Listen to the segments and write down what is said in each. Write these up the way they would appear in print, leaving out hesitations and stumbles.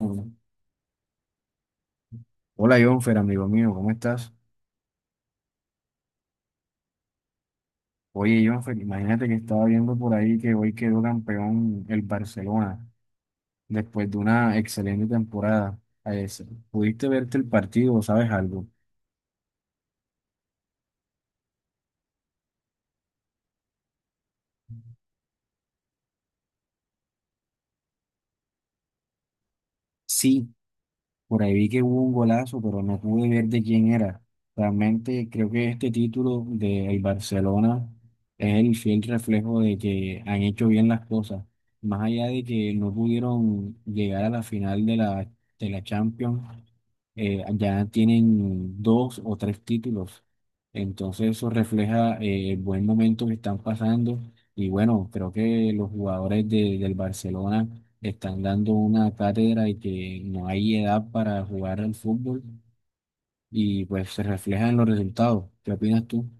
Mm. Hola Jonfer, amigo mío, ¿cómo estás? Oye Jonfer, imagínate que estaba viendo por ahí que hoy quedó campeón el Barcelona después de una excelente temporada. Eh, ¿Pudiste verte el partido? ¿O sabes algo? Sí. Por ahí vi que hubo un golazo, pero no pude ver de quién era. Realmente creo que este título de el Barcelona es el fiel reflejo de que han hecho bien las cosas. Más allá de que no pudieron llegar a la final de la Champions, ya tienen dos o tres títulos. Entonces eso refleja el buen momento que están pasando. Y bueno, creo que los del Barcelona están dando una cátedra y que no hay edad para jugar al fútbol, y pues se refleja en los resultados. ¿Qué opinas tú?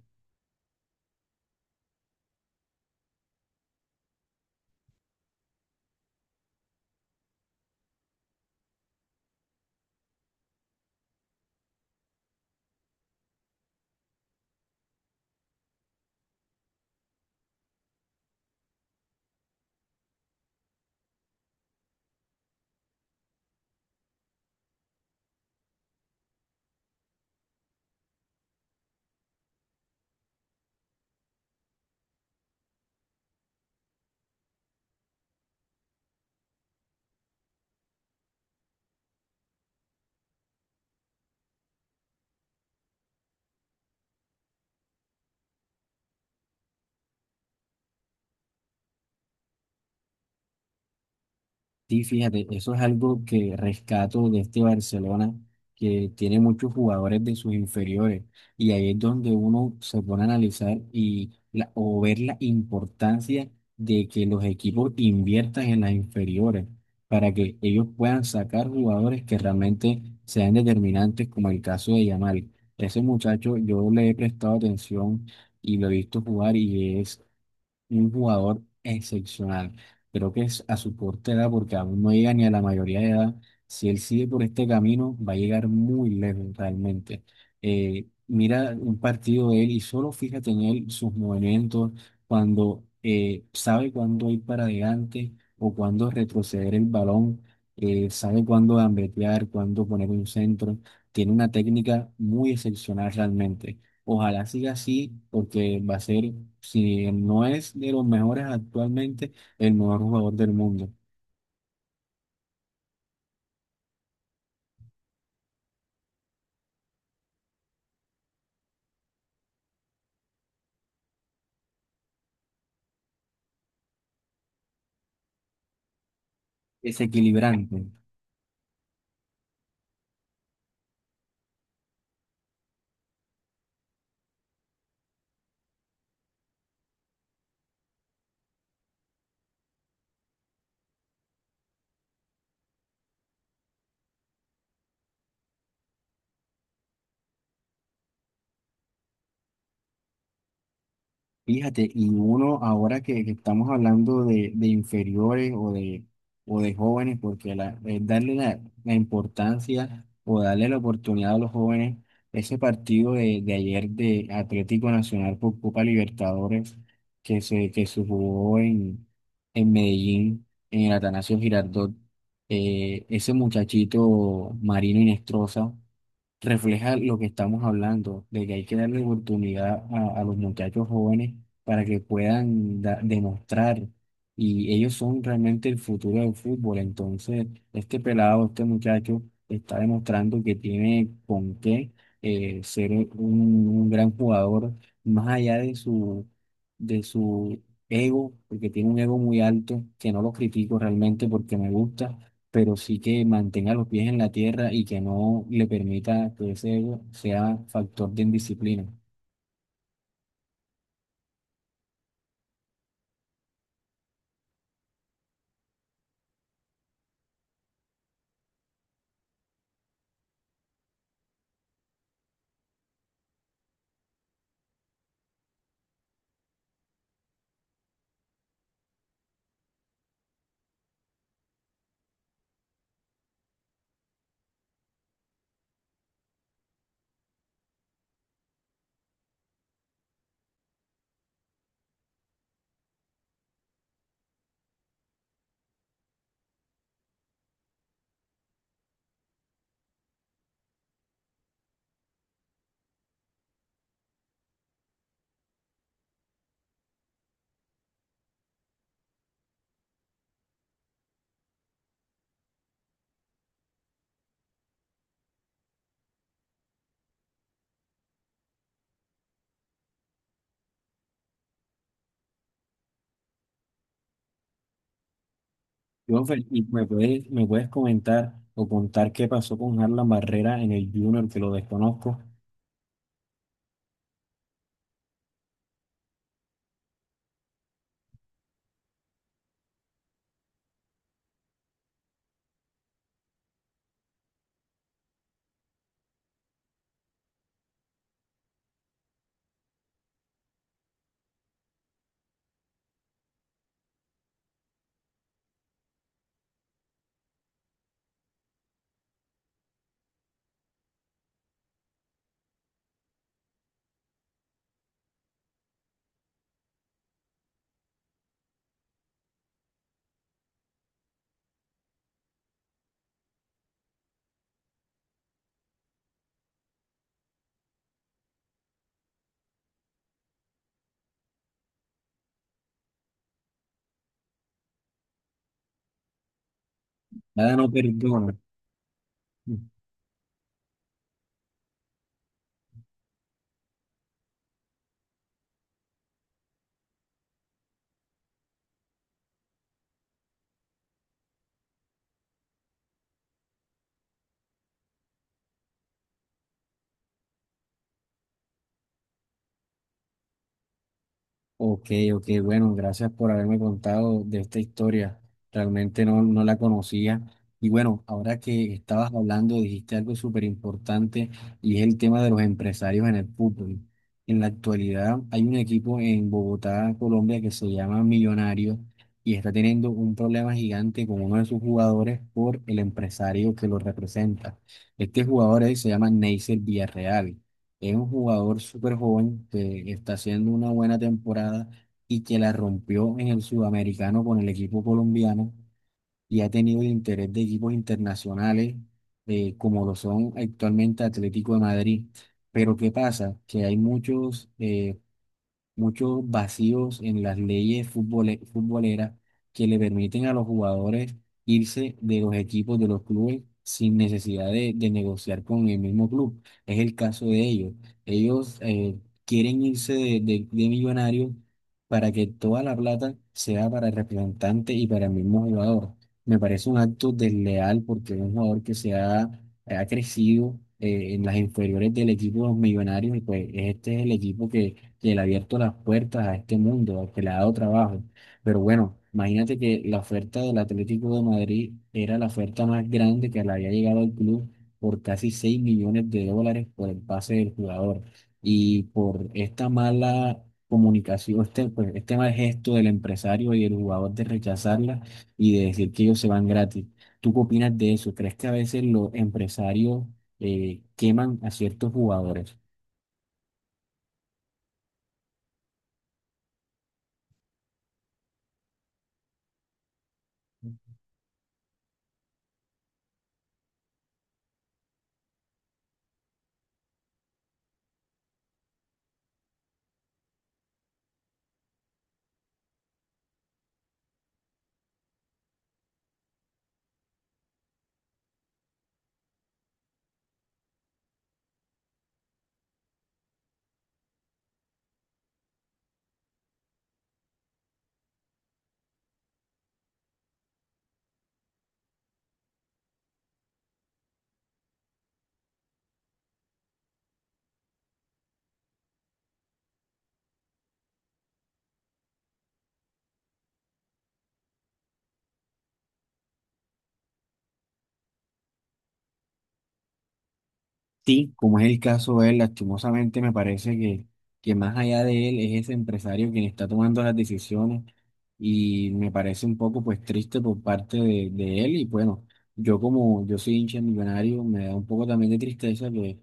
Sí, fíjate, eso es algo que rescato de este Barcelona, que tiene muchos jugadores de sus inferiores, y ahí es donde uno se pone a analizar y o ver la importancia de que los equipos inviertan en las inferiores para que ellos puedan sacar jugadores que realmente sean determinantes, como el caso de Yamal. Ese muchacho, yo le he prestado atención y lo he visto jugar, y un jugador excepcional. Creo que es a su corta edad, porque aún no llega ni a la mayoría de edad. Si él sigue por este camino, va a llegar muy lejos realmente. Mira un partido de él y solo fíjate en él, sus movimientos, cuando sabe cuándo ir para adelante o cuándo retroceder el balón, sabe cuándo gambetear, cuándo poner un centro. Tiene una técnica muy excepcional realmente. Ojalá siga así, porque va a ser, si no es de los mejores actualmente, el mejor jugador del mundo. Es equilibrante. Fíjate, y uno ahora que estamos hablando de inferiores o de jóvenes, porque la, darle la importancia o darle la oportunidad a los jóvenes, ese partido de ayer de Atlético Nacional por Copa Libertadores que se jugó en Medellín, en el Atanasio Girardot, ese muchachito Marino Inestrosa refleja lo que estamos hablando, de que hay que darle oportunidad a los muchachos jóvenes para que puedan demostrar. Y ellos son realmente el futuro del fútbol. Entonces, este pelado, este muchacho, está demostrando que tiene con qué ser un gran jugador, más allá de de su ego, porque tiene un ego muy alto, que no lo critico realmente porque me gusta, pero sí que mantenga los pies en la tierra y que no le permita que ese ego sea factor de indisciplina. Jonfer, ¿y me puedes comentar o contar qué pasó con Harlan Barrera en el Junior, que lo desconozco? Nada, no perdona. Ok, ok, bueno, gracias por haberme contado de esta historia. Realmente no, no la conocía. Y bueno, ahora que estabas hablando, dijiste algo súper importante, y es el tema de los empresarios en el fútbol. En la actualidad hay un equipo en Bogotá, Colombia, que se llama Millonarios, y está teniendo un problema gigante con uno de sus jugadores por el empresario que lo representa. Este jugador él se llama Neisser Villarreal. Es un jugador súper joven que está haciendo una buena temporada y que la rompió en el sudamericano con el equipo colombiano, y ha tenido el interés de equipos internacionales como lo son actualmente Atlético de Madrid. Pero ¿qué pasa? Que hay muchos vacíos en las futboleras que le permiten a los jugadores irse de los equipos, de los clubes, sin necesidad de negociar con el mismo club. Es el caso de ellos. Ellos quieren irse de millonarios para que toda la plata sea para el representante y para el mismo jugador. Me parece un acto desleal porque es un jugador que ha crecido en las inferiores del equipo de los millonarios, y pues este es el equipo que le ha abierto las puertas a este mundo, al que le ha dado trabajo. Pero bueno, imagínate que la oferta del Atlético de Madrid era la oferta más grande que le había llegado al club, por casi 6 millones de dólares por el pase del jugador. Y por esta mala comunicación, este, pues, este mal gesto del empresario y del jugador de rechazarla y de decir que ellos se van gratis. ¿Tú qué opinas de eso? ¿Crees que a veces los empresarios queman a ciertos jugadores? Sí, como es el caso de él, lastimosamente me parece que más allá de él es ese empresario quien está tomando las decisiones, y me parece un poco pues triste por parte de él. Y bueno, yo como yo soy hincha millonario, me da un poco también de tristeza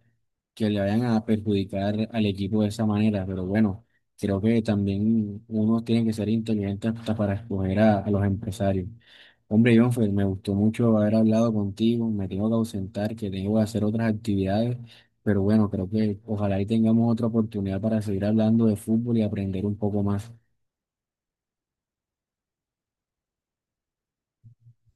que le vayan a perjudicar al equipo de esa manera, pero bueno, creo que también uno tiene que ser inteligente hasta para escoger a los empresarios. Hombre, Jonfer, me gustó mucho haber hablado contigo. Me tengo que ausentar, que tengo que hacer otras actividades, pero bueno, creo que ojalá y tengamos otra oportunidad para seguir hablando de fútbol y aprender un poco más.